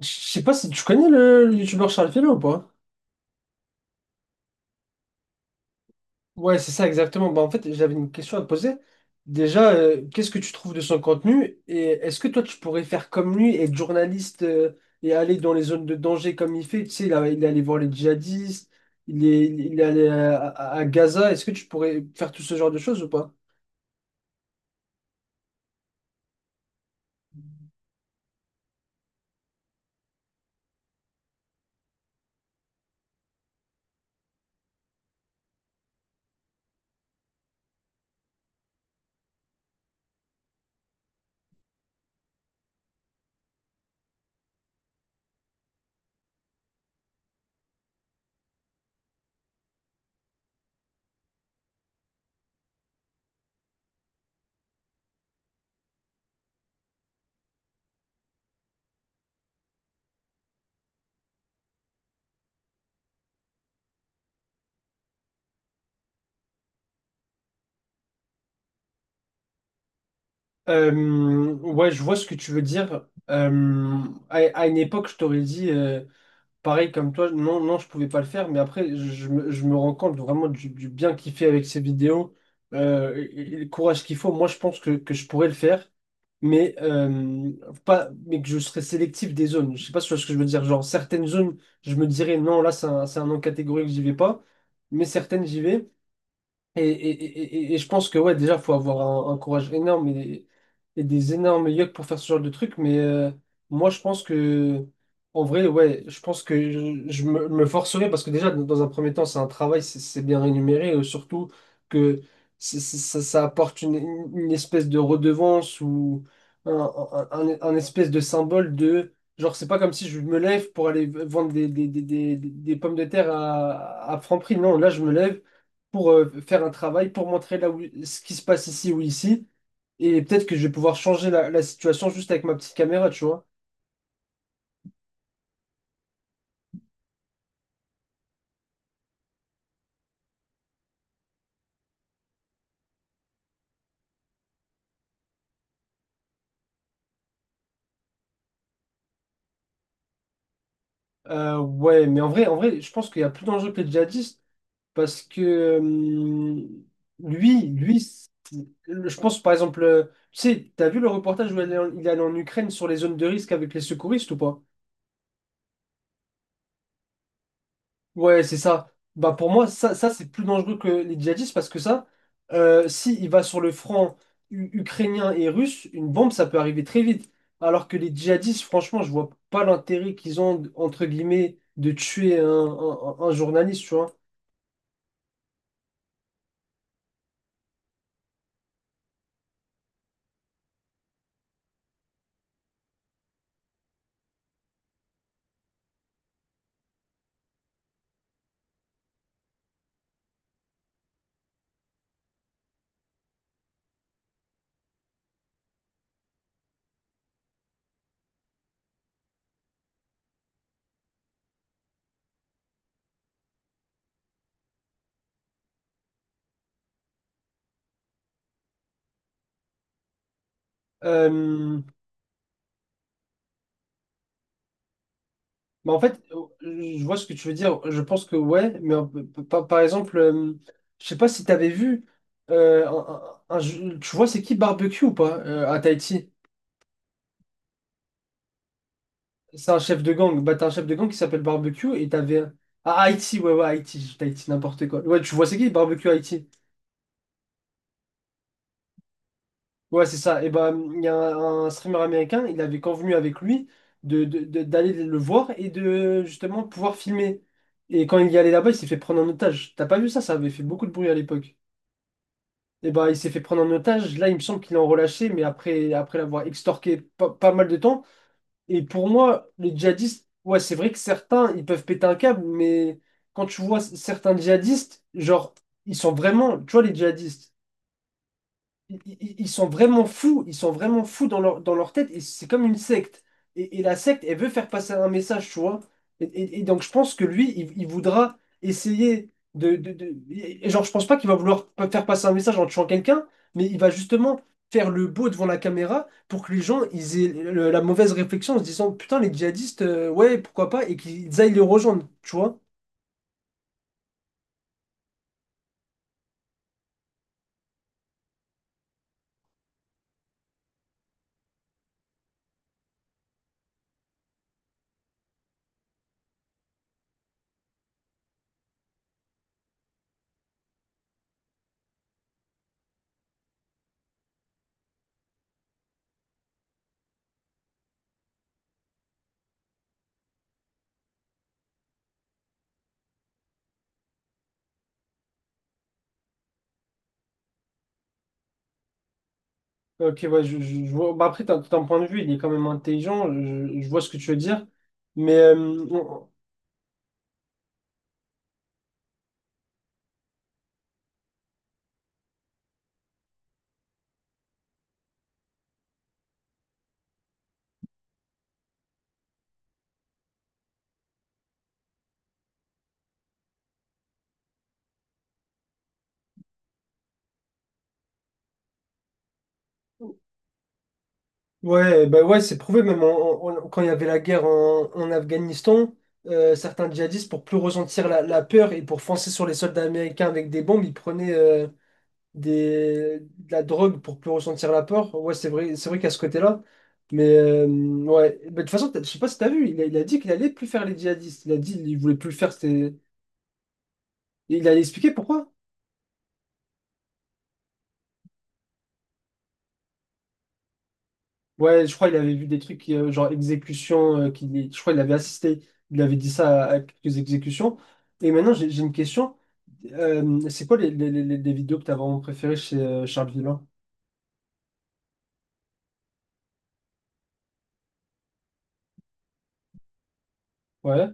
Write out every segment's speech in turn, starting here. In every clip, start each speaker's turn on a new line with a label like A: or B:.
A: Je sais pas si tu connais le youtubeur Charles Félix ou pas? Ouais, c'est ça exactement. Bah, en fait, j'avais une question à te poser. Déjà, qu'est-ce que tu trouves de son contenu et est-ce que toi tu pourrais faire comme lui, être journaliste et aller dans les zones de danger comme il fait? Tu sais, il est allé voir les djihadistes, il est allé à Gaza. Est-ce que tu pourrais faire tout ce genre de choses ou pas? Ouais, je vois ce que tu veux dire. À, une époque, je t'aurais dit. Pareil comme toi, non, je pouvais pas le faire, mais après, je me rends compte vraiment du bien qu'il fait avec ses vidéos, et le courage qu'il faut. Moi, je pense que je pourrais le faire, mais, pas, mais que je serais sélectif des zones. Je sais pas si tu vois ce que je veux dire. Genre, certaines zones, je me dirais non, là, c'est un non catégorique, j'y vais pas, mais certaines, j'y vais. Et je pense que ouais, déjà, faut avoir un courage énorme et des énormes yeux pour faire ce genre de truc. Mais moi, en vrai, ouais, je pense que me forcerai parce que déjà, dans un premier temps, c'est un travail, c'est bien rémunéré. Surtout que ça apporte une espèce de redevance ou un espèce de symbole de. Genre, c'est pas comme si je me lève pour aller vendre des pommes de terre à Franprix. Non, là, je me lève pour faire un travail, pour montrer ce qui se passe ici ou ici. Et peut-être que je vais pouvoir changer la situation juste avec ma petite caméra, tu vois. Ouais, mais en vrai, je pense qu'il y a plus d'enjeux que les djihadistes. Parce que euh, lui, lui, c'est- je pense par exemple, tu sais, t'as vu le reportage où il est allé en Ukraine sur les zones de risque avec les secouristes ou pas? Ouais, c'est ça. Bah pour moi, ça c'est plus dangereux que les djihadistes parce que ça, si il va sur le front ukrainien et russe, une bombe, ça peut arriver très vite. Alors que les djihadistes, franchement, je vois pas l'intérêt qu'ils ont, entre guillemets, de tuer un journaliste, tu vois. Euh, Bah, en fait, euh, je vois ce que tu veux dire. Je pense que ouais, mais par exemple, je sais pas si t'avais vu euh, un- tu vois c'est qui Barbecue ou pas à Tahiti? C'est un chef de gang. Bah t'as un chef de gang qui s'appelle Barbecue et t'avais à Haïti, ouais, ouais, Haïti, Tahiti n'importe quoi. Ouais, tu vois c'est qui Barbecue Haïti? Ouais, c'est ça. Et ben il y a un streamer américain, il avait convenu avec lui d'aller le voir et de justement pouvoir filmer. Et quand il y allait là-bas, il s'est fait prendre en otage. T'as pas vu ça? Ça avait fait beaucoup de bruit à l'époque. Et bah, il s'est fait prendre en otage. Là, il me semble qu'il est en relâché, mais après, après l'avoir extorqué pas mal de temps. Et pour moi, les djihadistes, ouais, c'est vrai que certains, ils peuvent péter un câble, mais quand tu vois certains djihadistes, genre, ils sont vraiment, tu vois, les djihadistes, ils sont vraiment fous, ils sont vraiment fous dans leur tête, et c'est comme une secte. Et la secte, elle veut faire passer un message, tu vois. Et donc, je pense que lui, il voudra essayer de, et genre, je pense pas qu'il va vouloir faire passer un message en tuant quelqu'un, mais il va justement faire le beau devant la caméra pour que les gens, ils aient la mauvaise réflexion en se disant, putain, les djihadistes, ouais, pourquoi pas, et qu'ils aillent les rejoindre, tu vois. Ok, ouais, je vois. Bah après, t'as- ton point de vue, il est quand même intelligent. Je vois ce que tu veux dire. Mais ouais, bah ouais, c'est prouvé. Même quand il y avait la guerre en Afghanistan, certains djihadistes, pour plus ressentir la peur et pour foncer sur les soldats américains avec des bombes, ils prenaient de la drogue pour plus ressentir la peur. Ouais, c'est vrai qu'à ce côté-là. Mais ouais, bah, de toute façon, t'as- je sais pas si t'as vu, il a dit qu'il allait plus faire les djihadistes. Il a dit qu'il voulait plus le faire. C'était- il a expliqué pourquoi. Ouais, je crois qu'il avait vu des trucs genre exécution, je crois qu'il avait assisté, il avait dit ça à quelques exécutions. Et maintenant, j'ai une question. C'est quoi les vidéos que t'as vraiment préférées chez Charles Villain? Ouais.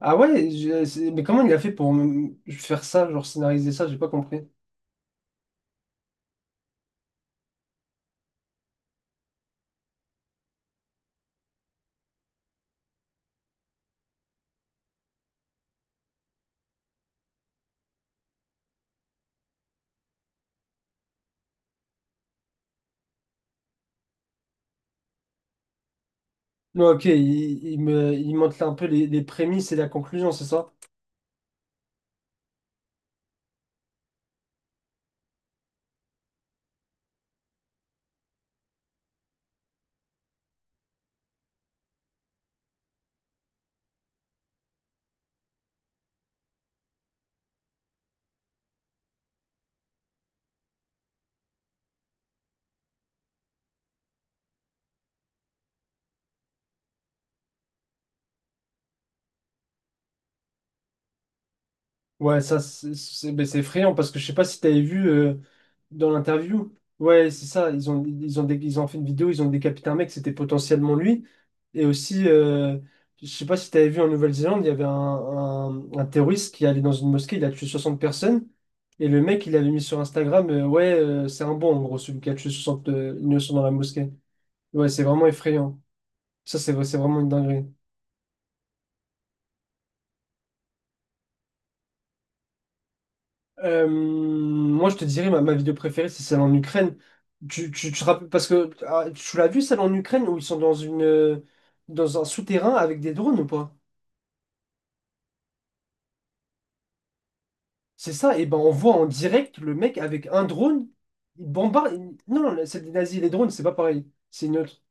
A: Ah ouais, mais comment il a fait pour faire ça, genre scénariser ça, j'ai pas compris. Non, ok, il montre un peu les prémices et la conclusion, c'est ça? Ouais, ça, ben, c'est effrayant parce que je sais pas si t'avais vu dans l'interview. Ouais, c'est ça. Ils ont fait une vidéo, ils ont décapité un mec, c'était potentiellement lui. Et aussi, je sais pas si t'avais vu en Nouvelle-Zélande, il y avait un terroriste qui allait dans une mosquée, il a tué 60 personnes. Et le mec, il avait mis sur Instagram, ouais, c'est un bon, en gros, celui qui a tué 60 innocents dans la mosquée. Ouais, c'est vraiment effrayant. Ça, c'est vraiment une dinguerie. Moi, je te dirais, ma vidéo préférée, c'est celle en Ukraine. Tu te rappelles, parce que ah, tu l'as vu, celle en Ukraine, où ils sont dans dans un souterrain avec des drones ou pas? C'est ça, et ben on voit en direct le mec avec un drone, il bombarde. Il- non, celle des nazis, les drones, c'est pas pareil, c'est neutre.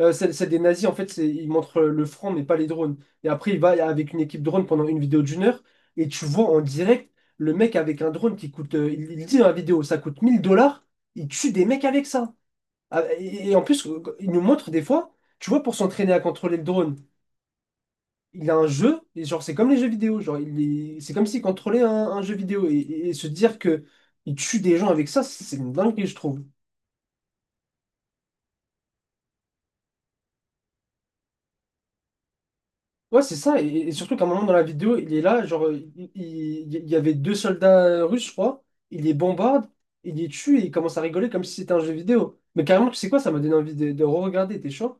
A: Celle des nazis, en fait, c'est, ils montrent le front, mais pas les drones. Et après, il va avec une équipe drone pendant une vidéo d'1 heure, et tu vois en direct le mec avec un drone qui coûte, il dit dans la vidéo, ça coûte 1000 dollars, il tue des mecs avec ça. Ah, et en plus, il nous montre des fois, tu vois, pour s'entraîner à contrôler le drone, il a un jeu, et genre c'est comme les jeux vidéo, genre c'est comme s'il contrôlait un jeu vidéo, et se dire que il tue des gens avec ça, c'est une dinguerie, je trouve. Ouais, c'est ça, et surtout qu'à un moment dans la vidéo, il est là, genre il y avait 2 soldats russes, je crois, il les bombarde, il les tue, et il commence à rigoler comme si c'était un jeu vidéo. Mais carrément, tu sais quoi, ça m'a donné envie de re-regarder, t'es chaud?